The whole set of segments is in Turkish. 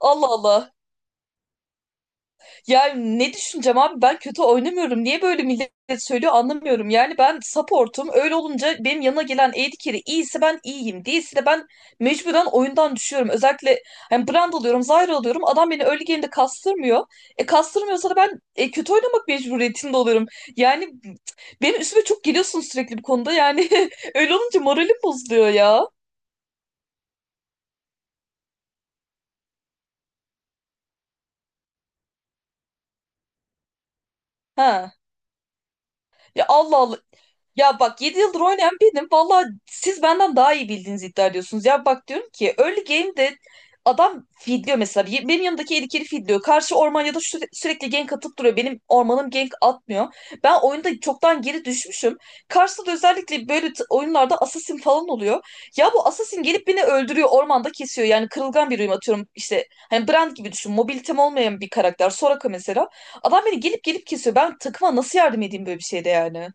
Allah Allah. Ya ne düşüneceğim abi, ben kötü oynamıyorum. Niye böyle millet söylüyor anlamıyorum. Yani ben support'um. Öyle olunca benim yanına gelen AD carry iyiyse ben iyiyim. Değilse de ben mecburen oyundan düşüyorum. Özellikle hani Brand alıyorum, Zyra alıyorum. Adam beni early game'de kastırmıyor. E kastırmıyorsa da ben kötü oynamak mecburiyetinde oluyorum. Yani benim üstüme çok geliyorsun sürekli bu konuda. Yani öyle olunca moralim bozuluyor ya. Ha. Ya, Allah Allah. Ya bak, 7 yıldır oynayan benim. Valla siz benden daha iyi bildiğinizi iddia ediyorsunuz. Ya bak, diyorum ki early game'de adam feedliyor mesela. Benim yanımdaki eli kiri feedliyor. Karşı orman ya da sürekli gank atıp duruyor. Benim ormanım gank atmıyor. Ben oyunda çoktan geri düşmüşüm. Karşıda da özellikle böyle oyunlarda assassin falan oluyor. Ya bu assassin gelip beni öldürüyor. Ormanda kesiyor. Yani kırılgan bir uyum atıyorum. İşte hani Brand gibi düşün. Mobilitem olmayan bir karakter. Soraka mesela. Adam beni gelip gelip kesiyor. Ben takıma nasıl yardım edeyim böyle bir şeyde yani?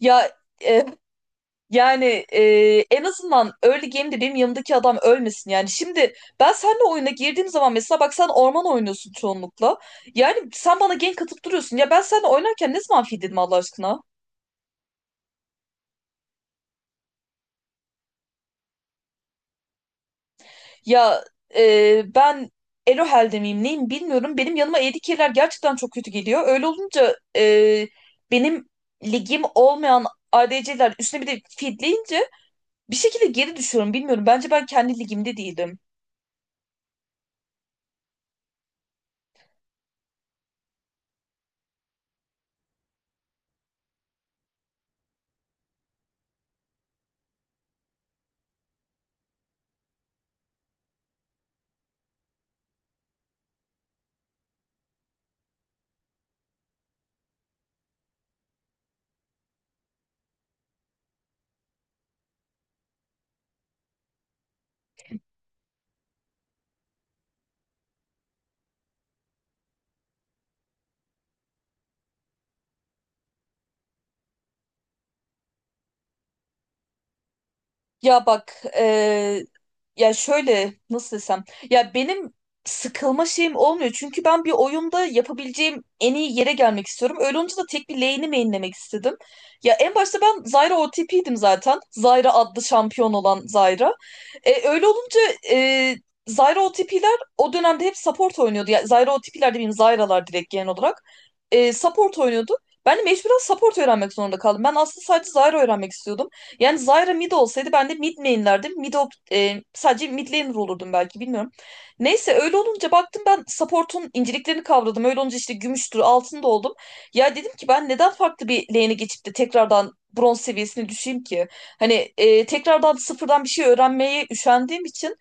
Ya e, yani e, en azından early game'de benim yanımdaki adam ölmesin yani. Şimdi ben seninle oyuna girdiğim zaman mesela bak, sen orman oynuyorsun çoğunlukla. Yani sen bana gank atıp duruyorsun. Ya ben seninle oynarken ne zaman feed dedim Allah aşkına? Ya ben Elohel'de miyim neyim bilmiyorum. Benim yanıma ADC'ler gerçekten çok kötü geliyor. Öyle olunca benim ligim olmayan ADC'ler üstüne bir de feedleyince bir şekilde geri düşüyorum bilmiyorum. Bence ben kendi ligimde değilim. Ya bak, ya şöyle, nasıl desem, ya benim sıkılma şeyim olmuyor çünkü ben bir oyunda yapabileceğim en iyi yere gelmek istiyorum. Öyle olunca da tek bir lane'i mainlemek istedim. Ya en başta ben Zyra OTP'ydim zaten. Zyra adlı şampiyon olan Zyra. Öyle olunca e, Zyra OTP'ler o dönemde hep support oynuyordu. Yani Zyra OTP'ler demeyeyim, Zyra'lar direkt genel olarak. Support oynuyordu. Ben de mecburen support öğrenmek zorunda kaldım. Ben aslında sadece Zyra öğrenmek istiyordum. Yani Zyra mid olsaydı ben de mid main'lerdim. Sadece mid laner olurdum belki, bilmiyorum. Neyse, öyle olunca baktım ben support'un inceliklerini kavradım. Öyle olunca işte gümüştür, altın da oldum. Ya dedim ki ben neden farklı bir lane'e geçip de tekrardan bronz seviyesine düşeyim ki? Hani tekrardan sıfırdan bir şey öğrenmeye üşendiğim için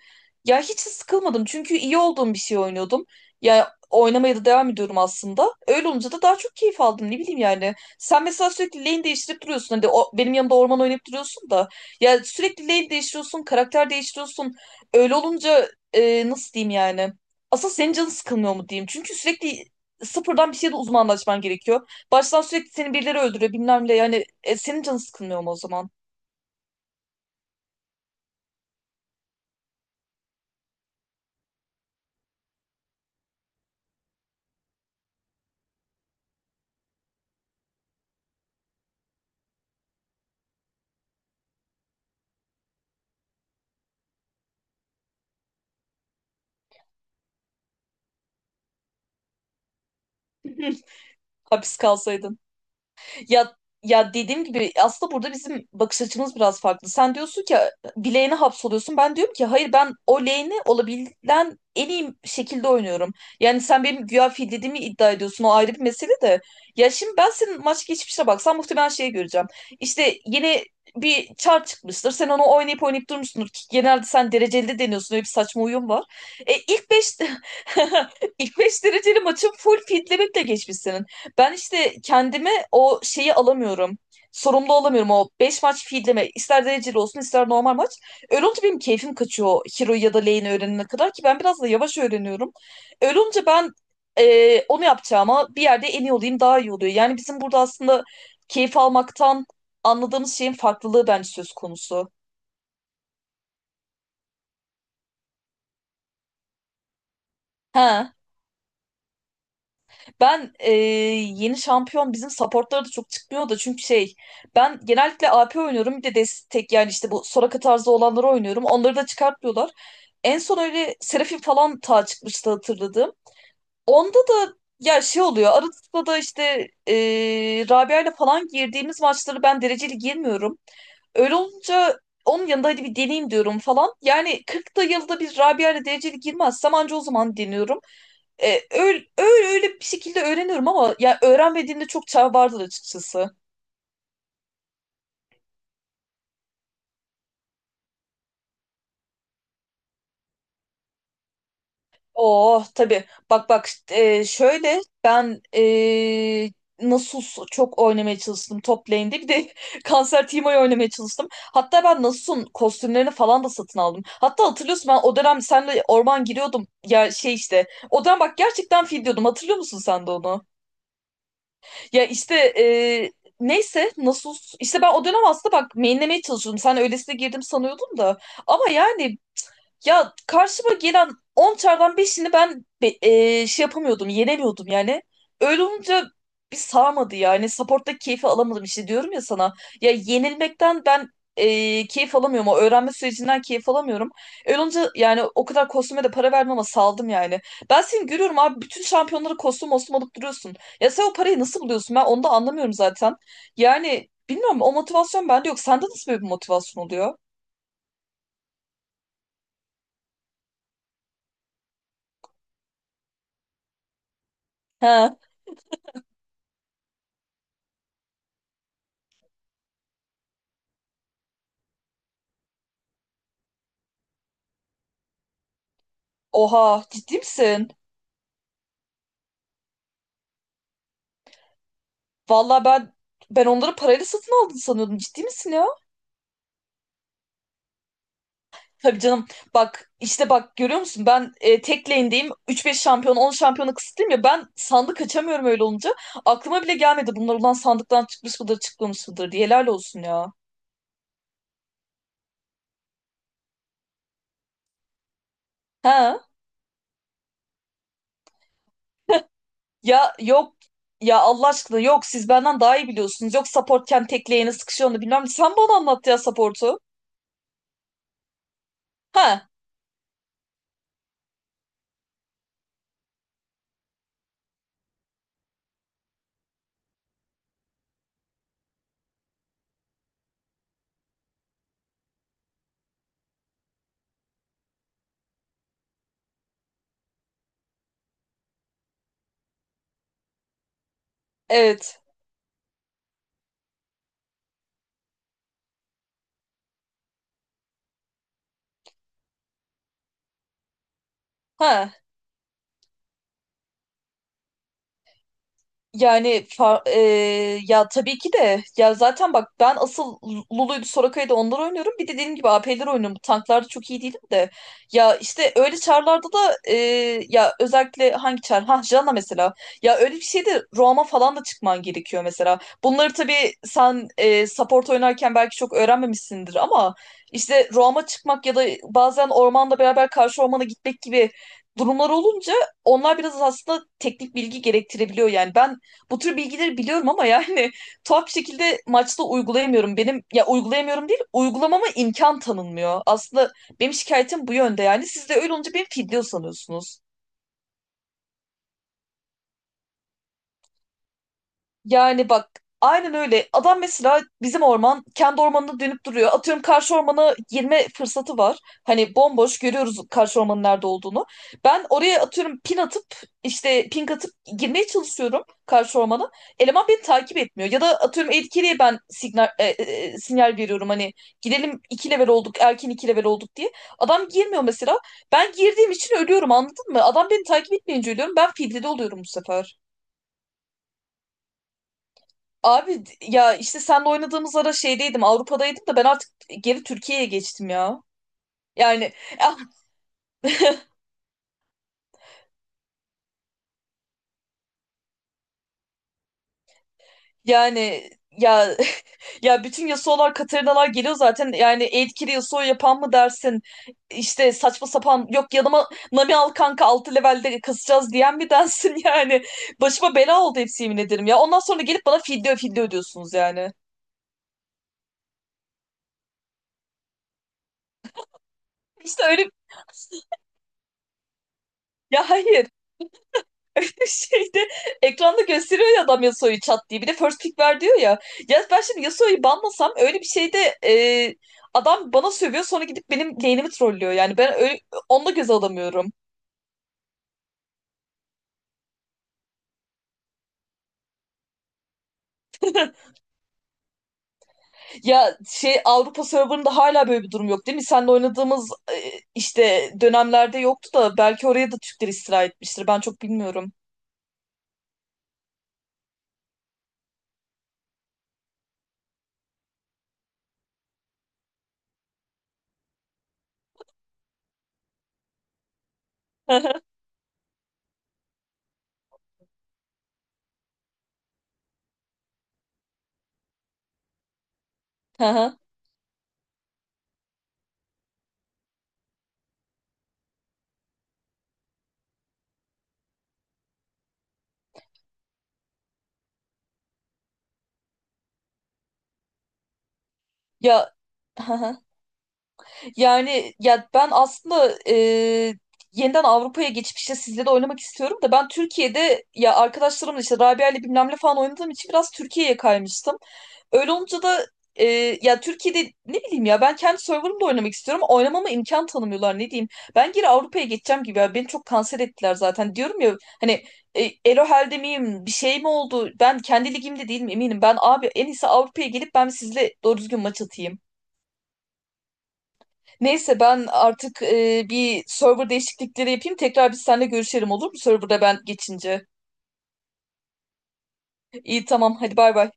ya hiç sıkılmadım. Çünkü iyi olduğum bir şey oynuyordum. Ya oynamaya da devam ediyorum aslında. Öyle olunca da daha çok keyif aldım. Ne bileyim yani. Sen mesela sürekli lane değiştirip duruyorsun. Hani benim yanımda orman oynayıp duruyorsun da. Ya sürekli lane değiştiriyorsun, karakter değiştiriyorsun. Öyle olunca nasıl diyeyim yani? Asıl senin canın sıkılmıyor mu diyeyim. Çünkü sürekli sıfırdan bir şeyde uzmanlaşman gerekiyor. Baştan sürekli seni birileri öldürüyor bilmem ne. Yani senin canın sıkılmıyor mu o zaman? Hapis kalsaydın. Ya ya, dediğim gibi aslında burada bizim bakış açımız biraz farklı. Sen diyorsun ki bir lane'e hapsoluyorsun. Ben diyorum ki hayır, ben o lane'i olabilen en iyi şekilde oynuyorum. Yani sen benim güya fil dediğimi iddia ediyorsun. O ayrı bir mesele de. Ya şimdi ben senin maç geçmişine baksam muhtemelen şeyi göreceğim. İşte yeni bir çar çıkmıştır. Sen onu oynayıp oynayıp durmuşsundur. Ki genelde sen dereceli de deniyorsun. Öyle bir saçma uyum var. İlk 5 ilk 5 dereceli maçın full fitlemekle geçmiş senin. Ben işte kendime o şeyi alamıyorum. Sorumlu olamıyorum o 5 maç feedleme. İster dereceli olsun ister normal maç. Öyle olunca benim keyfim kaçıyor o hero ya da lane öğrenene kadar, ki ben biraz da yavaş öğreniyorum. Öyle olunca ben onu yapacağıma bir yerde en iyi olayım daha iyi oluyor. Yani bizim burada aslında keyif almaktan anladığımız şeyin farklılığı bence söz konusu. He. Ben yeni şampiyon bizim supportlara da çok çıkmıyor da çünkü şey, ben genellikle AP oynuyorum, bir de destek yani, işte bu Soraka tarzı olanları oynuyorum. Onları da çıkartmıyorlar. En son öyle Seraphine falan ta çıkmıştı, hatırladım. Onda da ya şey oluyor arada da işte e, Rabia ile falan girdiğimiz maçları ben dereceli girmiyorum. Öyle olunca onun yanında hadi bir deneyeyim diyorum falan. Yani 40 da yılda bir Rabia ile dereceli girmezsem anca o zaman deniyorum. E, öyle bir şekilde öğreniyorum ama ya öğrenmediğimde çok çağ vardı açıkçası. Oh tabii. Bak, şöyle ben Nasus çok oynamaya çalıştım top lane'de. Bir de Kanser Teemo'yu oynamaya çalıştım. Hatta ben Nasus'un kostümlerini falan da satın aldım. Hatta hatırlıyorsun, ben o dönem senle orman giriyordum. Ya şey işte. O dönem bak gerçekten fil diyordum. Hatırlıyor musun sen de onu? Ya işte neyse, işte ben o dönem aslında bak mainlemeye çalışıyordum. Sen öylesine girdim sanıyordum da. Ama yani ya karşıma gelen 10 çardan 5'ini ben şey yapamıyordum, yenemiyordum yani. Öyle olunca bir sağmadı yani. Support'ta keyfi alamadım işte diyorum ya sana. Ya yenilmekten ben keyif alamıyorum. O öğrenme sürecinden keyif alamıyorum. Öyle olunca yani o kadar kostüme de para vermem ama saldım yani. Ben seni görüyorum abi, bütün şampiyonları kostüm mostum alıp duruyorsun. Ya sen o parayı nasıl buluyorsun? Ben onu da anlamıyorum zaten. Yani bilmiyorum, o motivasyon bende yok. Sende nasıl böyle bir motivasyon oluyor? He. Oha, ciddi misin? Vallahi ben, onları parayla satın aldın sanıyordum. Ciddi misin ya? Tabii canım. Bak işte, bak görüyor musun? Ben tek lane'deyim. 3-5 şampiyon 10 şampiyona kısıtlıyım ya. Ben sandık açamıyorum öyle olunca. Aklıma bile gelmedi bunlar ulan sandıktan çıkmış mıdır çıkmamış mıdır diye. Helal olsun ya. Ha. Ya yok. Ya Allah aşkına yok, siz benden daha iyi biliyorsunuz. Yok supportken tek lane'e sıkışıyor, onu bilmem. Sen bana anlat ya support'u. Ha, evet. Ha. Yani ya tabii ki de, ya zaten bak ben asıl Lulu'ydu Soraka'ydı onları oynuyorum. Bir de dediğim gibi AP'leri oynuyorum. Bu Tanklarda çok iyi değilim de. Ya işte öyle çarlarda da ya özellikle hangi çar? Ha, Jana mesela. Ya öyle bir şeyde Roam'a falan da çıkman gerekiyor mesela. Bunları tabii sen support oynarken belki çok öğrenmemişsindir ama işte Roam'a çıkmak ya da bazen ormanda beraber karşı ormana gitmek gibi durumlar olunca onlar biraz aslında teknik bilgi gerektirebiliyor yani. Ben bu tür bilgileri biliyorum ama yani tuhaf bir şekilde maçta uygulayamıyorum. Benim ya uygulayamıyorum değil, uygulamama imkan tanınmıyor. Aslında benim şikayetim bu yönde yani. Siz de öyle olunca beni fidye sanıyorsunuz. Yani bak, aynen öyle. Adam mesela bizim orman kendi ormanına dönüp duruyor. Atıyorum karşı ormana girme fırsatı var. Hani bomboş görüyoruz karşı ormanın nerede olduğunu. Ben oraya atıyorum ping atıp girmeye çalışıyorum karşı ormana. Eleman beni takip etmiyor. Ya da atıyorum etkiliye ben signal, e, e, e, sinyal veriyorum hani gidelim, iki level olduk, erken iki level olduk diye. Adam girmiyor mesela. Ben girdiğim için ölüyorum, anladın mı? Adam beni takip etmeyince ölüyorum. Ben filtrede oluyorum bu sefer. Abi ya işte senle oynadığımız ara şeydeydim, Avrupa'daydım da, ben artık geri Türkiye'ye geçtim ya. Yani yani ya ya bütün Yasuo'lar Katarina'lar geliyor zaten, yani etkili Yasuo yapan mı dersin, işte saçma sapan yok yanıma Nami al kanka 6 levelde kasacağız diyen mi dersin yani başıma bela oldu hepsi, yemin ederim ya, ondan sonra gelip bana fidye ödüyorsunuz yani. İşte öyle ya hayır Şeyde ekranda gösteriyor ya adam Yasuo'yu çat diye. Bir de first pick ver diyor ya. Ya ben şimdi Yasuo'yu banlasam öyle bir şeyde adam bana sövüyor, sonra gidip benim lane'imi trollüyor. Yani ben öyle, onu da göze alamıyorum. Ya şey, Avrupa serverında hala böyle bir durum yok değil mi? Seninle oynadığımız işte dönemlerde yoktu da, belki oraya da Türkler istila etmiştir. Ben çok bilmiyorum. Hı hı. Ya yani ya ben aslında yeniden Avrupa'ya geçip işte sizle de oynamak istiyorum da, ben Türkiye'de ya arkadaşlarımla işte Rabia'yla bilmem ne falan oynadığım için biraz Türkiye'ye kaymıştım. Öyle olunca da e, ya Türkiye'de, ne bileyim ya, ben kendi serverımda oynamak istiyorum, ama oynamama imkan tanımıyorlar, ne diyeyim. Ben geri Avrupa'ya geçeceğim gibi ya, beni çok kanser ettiler zaten. Diyorum ya hani Elohel'de miyim, bir şey mi oldu? Ben kendi ligimde değilim eminim. Ben abi en iyisi Avrupa'ya gelip ben sizle doğru düzgün maç atayım. Neyse, ben artık bir server değişiklikleri yapayım. Tekrar biz seninle görüşelim olur mu? Serverda ben geçince. İyi, tamam, hadi bay bay.